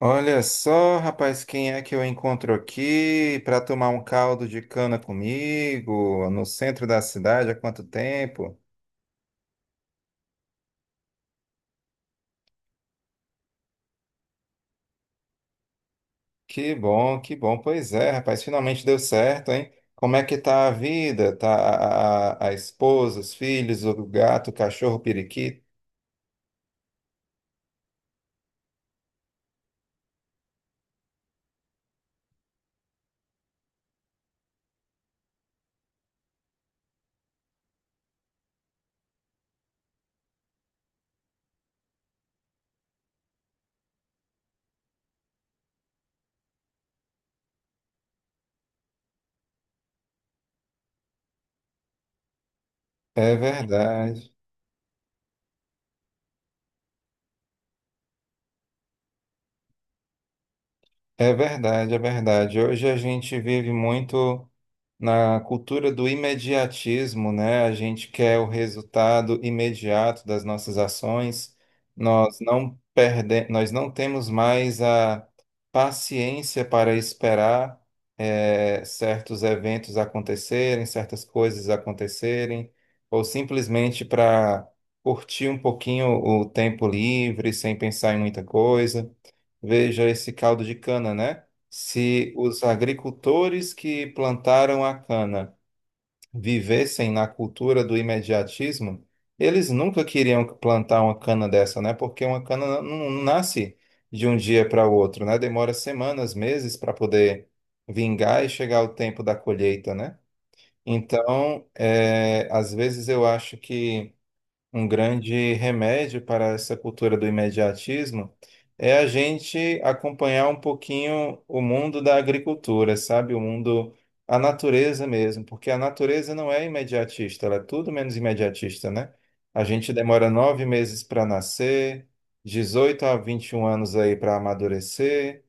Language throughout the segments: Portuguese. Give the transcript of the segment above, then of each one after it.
Olha só, rapaz, quem é que eu encontro aqui para tomar um caldo de cana comigo no centro da cidade há quanto tempo? Que bom, que bom. Pois é, rapaz, finalmente deu certo, hein? Como é que tá a vida? Tá a esposa, os filhos, o gato, o cachorro, o periquito? É verdade, é verdade, é verdade. Hoje a gente vive muito. Na cultura do imediatismo, né, a gente quer o resultado imediato das nossas ações. Nós não temos mais a paciência para esperar certos eventos acontecerem, certas coisas acontecerem, ou simplesmente para curtir um pouquinho o tempo livre, sem pensar em muita coisa. Veja esse caldo de cana, né? Se os agricultores que plantaram a cana vivessem na cultura do imediatismo, eles nunca queriam plantar uma cana dessa, né? Porque uma cana não nasce de um dia para o outro, né? Demora semanas, meses para poder vingar e chegar o tempo da colheita, né? Então, às vezes eu acho que um grande remédio para essa cultura do imediatismo é a gente acompanhar um pouquinho o mundo da agricultura, sabe? O mundo, a natureza mesmo, porque a natureza não é imediatista, ela é tudo menos imediatista, né? A gente demora 9 meses para nascer, 18 a 21 anos aí para amadurecer.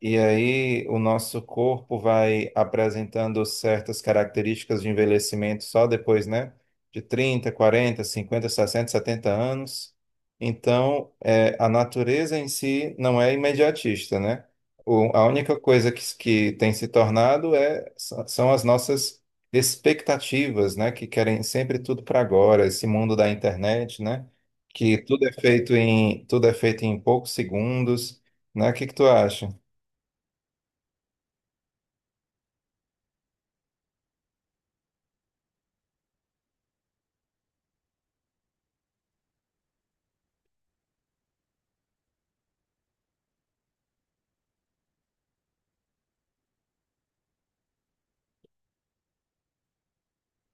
E aí o nosso corpo vai apresentando certas características de envelhecimento só depois, né? De 30, 40, 50, 60, 70 anos. Então, a natureza em si não é imediatista, né? A única coisa que tem se tornado são as nossas expectativas, né? Que querem sempre tudo para agora, esse mundo da internet, né? Que tudo é feito em poucos segundos, né? O que que tu acha?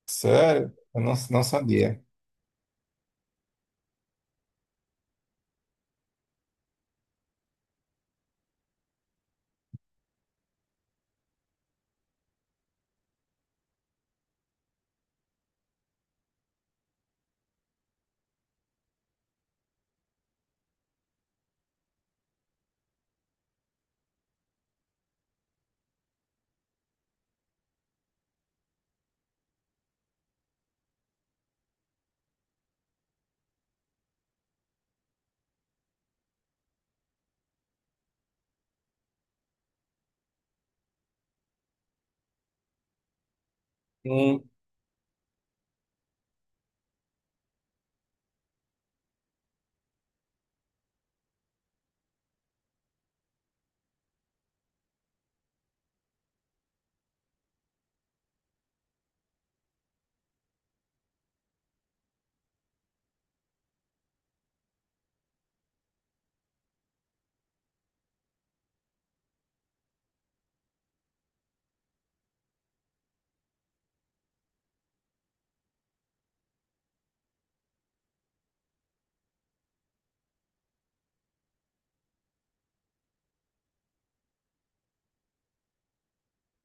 Sério? Eu não, não sabia. Hum.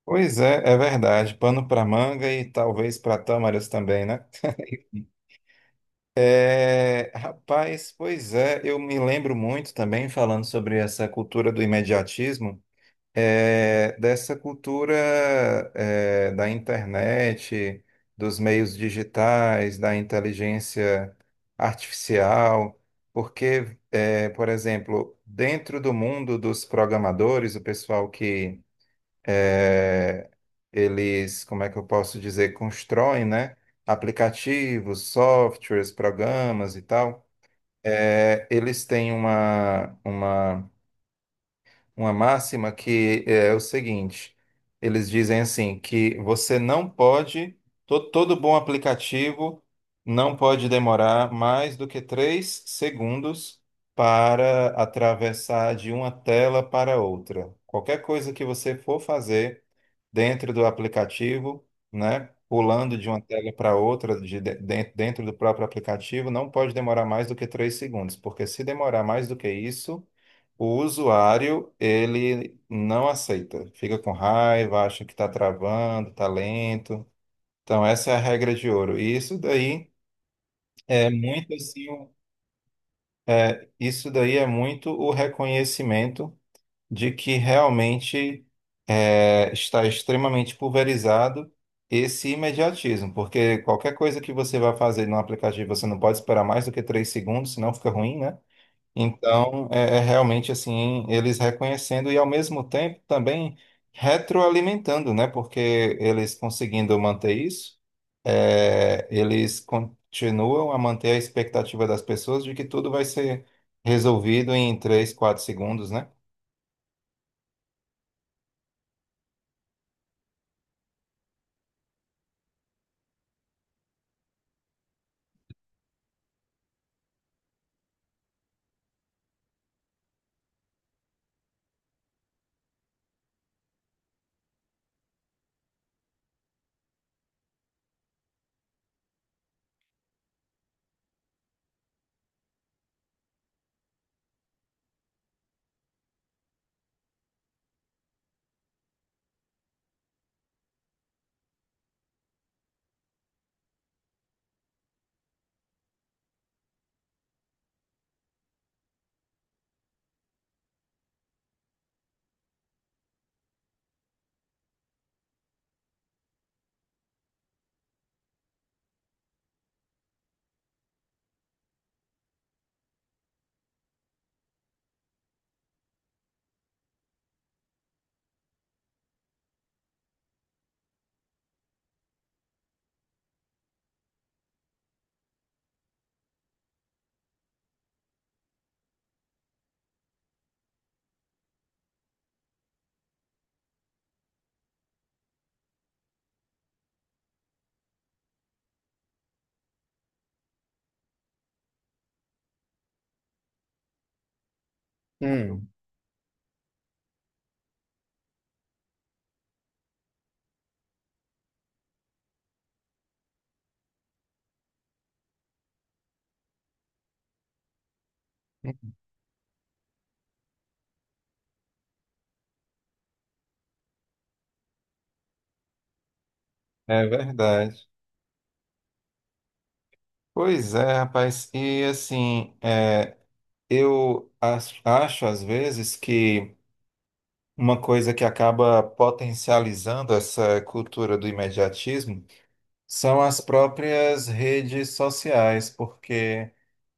Pois é, é verdade. Pano para manga e talvez para tâmaras também, né? É, rapaz, pois é, eu me lembro muito também, falando sobre essa cultura do imediatismo, dessa cultura, da internet, dos meios digitais, da inteligência artificial, porque, por exemplo, dentro do mundo dos programadores, o pessoal que eles, como é que eu posso dizer, constroem, né, aplicativos, softwares, programas e tal. É, eles têm uma máxima que é o seguinte: eles dizem assim que você não pode, to- todo bom aplicativo não pode demorar mais do que 3 segundos para atravessar de uma tela para outra. Qualquer coisa que você for fazer dentro do aplicativo, né? Pulando de uma tela para outra, dentro do próprio aplicativo, não pode demorar mais do que três segundos, porque se demorar mais do que isso, o usuário, ele não aceita. Fica com raiva, acha que está travando, está lento. Então, essa é a regra de ouro. E isso daí é muito assim, isso daí é muito o reconhecimento de que realmente está extremamente pulverizado esse imediatismo, porque qualquer coisa que você vai fazer no aplicativo, você não pode esperar mais do que 3 segundos, senão fica ruim, né? Então, realmente assim, eles reconhecendo e ao mesmo tempo também retroalimentando, né? Porque eles conseguindo manter isso, eles continuam a manter a expectativa das pessoas de que tudo vai ser resolvido em 3 4 segundos, né? Hum. É verdade. Pois é, rapaz. E assim, eu acho às vezes que uma coisa que acaba potencializando essa cultura do imediatismo são as próprias redes sociais, porque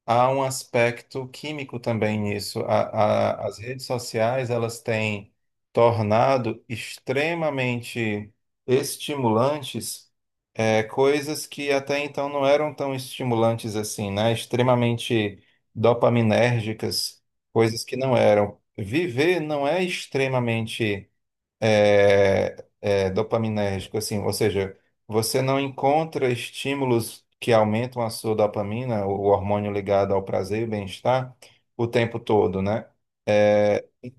há um aspecto químico também nisso. As redes sociais, elas têm tornado extremamente estimulantes, coisas que até então não eram tão estimulantes assim, né? Extremamente dopaminérgicas, coisas que não eram. Viver não é extremamente dopaminérgico, assim, ou seja, você não encontra estímulos que aumentam a sua dopamina, o hormônio ligado ao prazer e bem-estar, o tempo todo, né?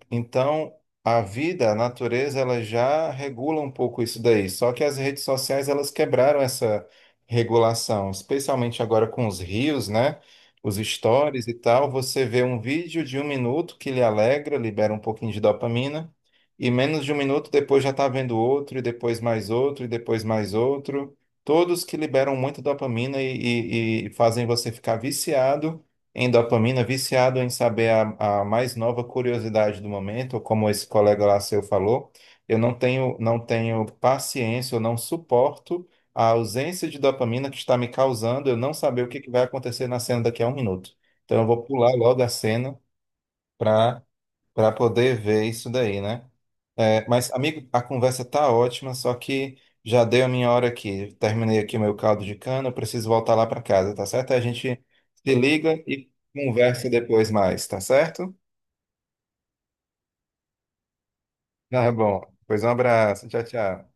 Então, a vida, a natureza, ela já regula um pouco isso daí. Só que as redes sociais, elas quebraram essa regulação, especialmente agora com os rios, né? Os stories e tal. Você vê um vídeo de um minuto que lhe alegra, libera um pouquinho de dopamina, e menos de um minuto depois já está vendo outro, e depois mais outro, e depois mais outro. Todos que liberam muita dopamina e fazem você ficar viciado em dopamina, viciado em saber a mais nova curiosidade do momento, como esse colega lá seu falou, eu não tenho, não tenho paciência, eu não suporto a ausência de dopamina que está me causando eu não saber o que que vai acontecer na cena daqui a um minuto. Então eu vou pular logo a cena para para poder ver isso daí, né? É, mas, amigo, a conversa tá ótima, só que já deu a minha hora aqui. Terminei aqui meu caldo de cana, eu preciso voltar lá para casa, tá certo? A gente se liga e conversa depois mais, tá certo? Tá bom. Pois um abraço. Tchau, tchau.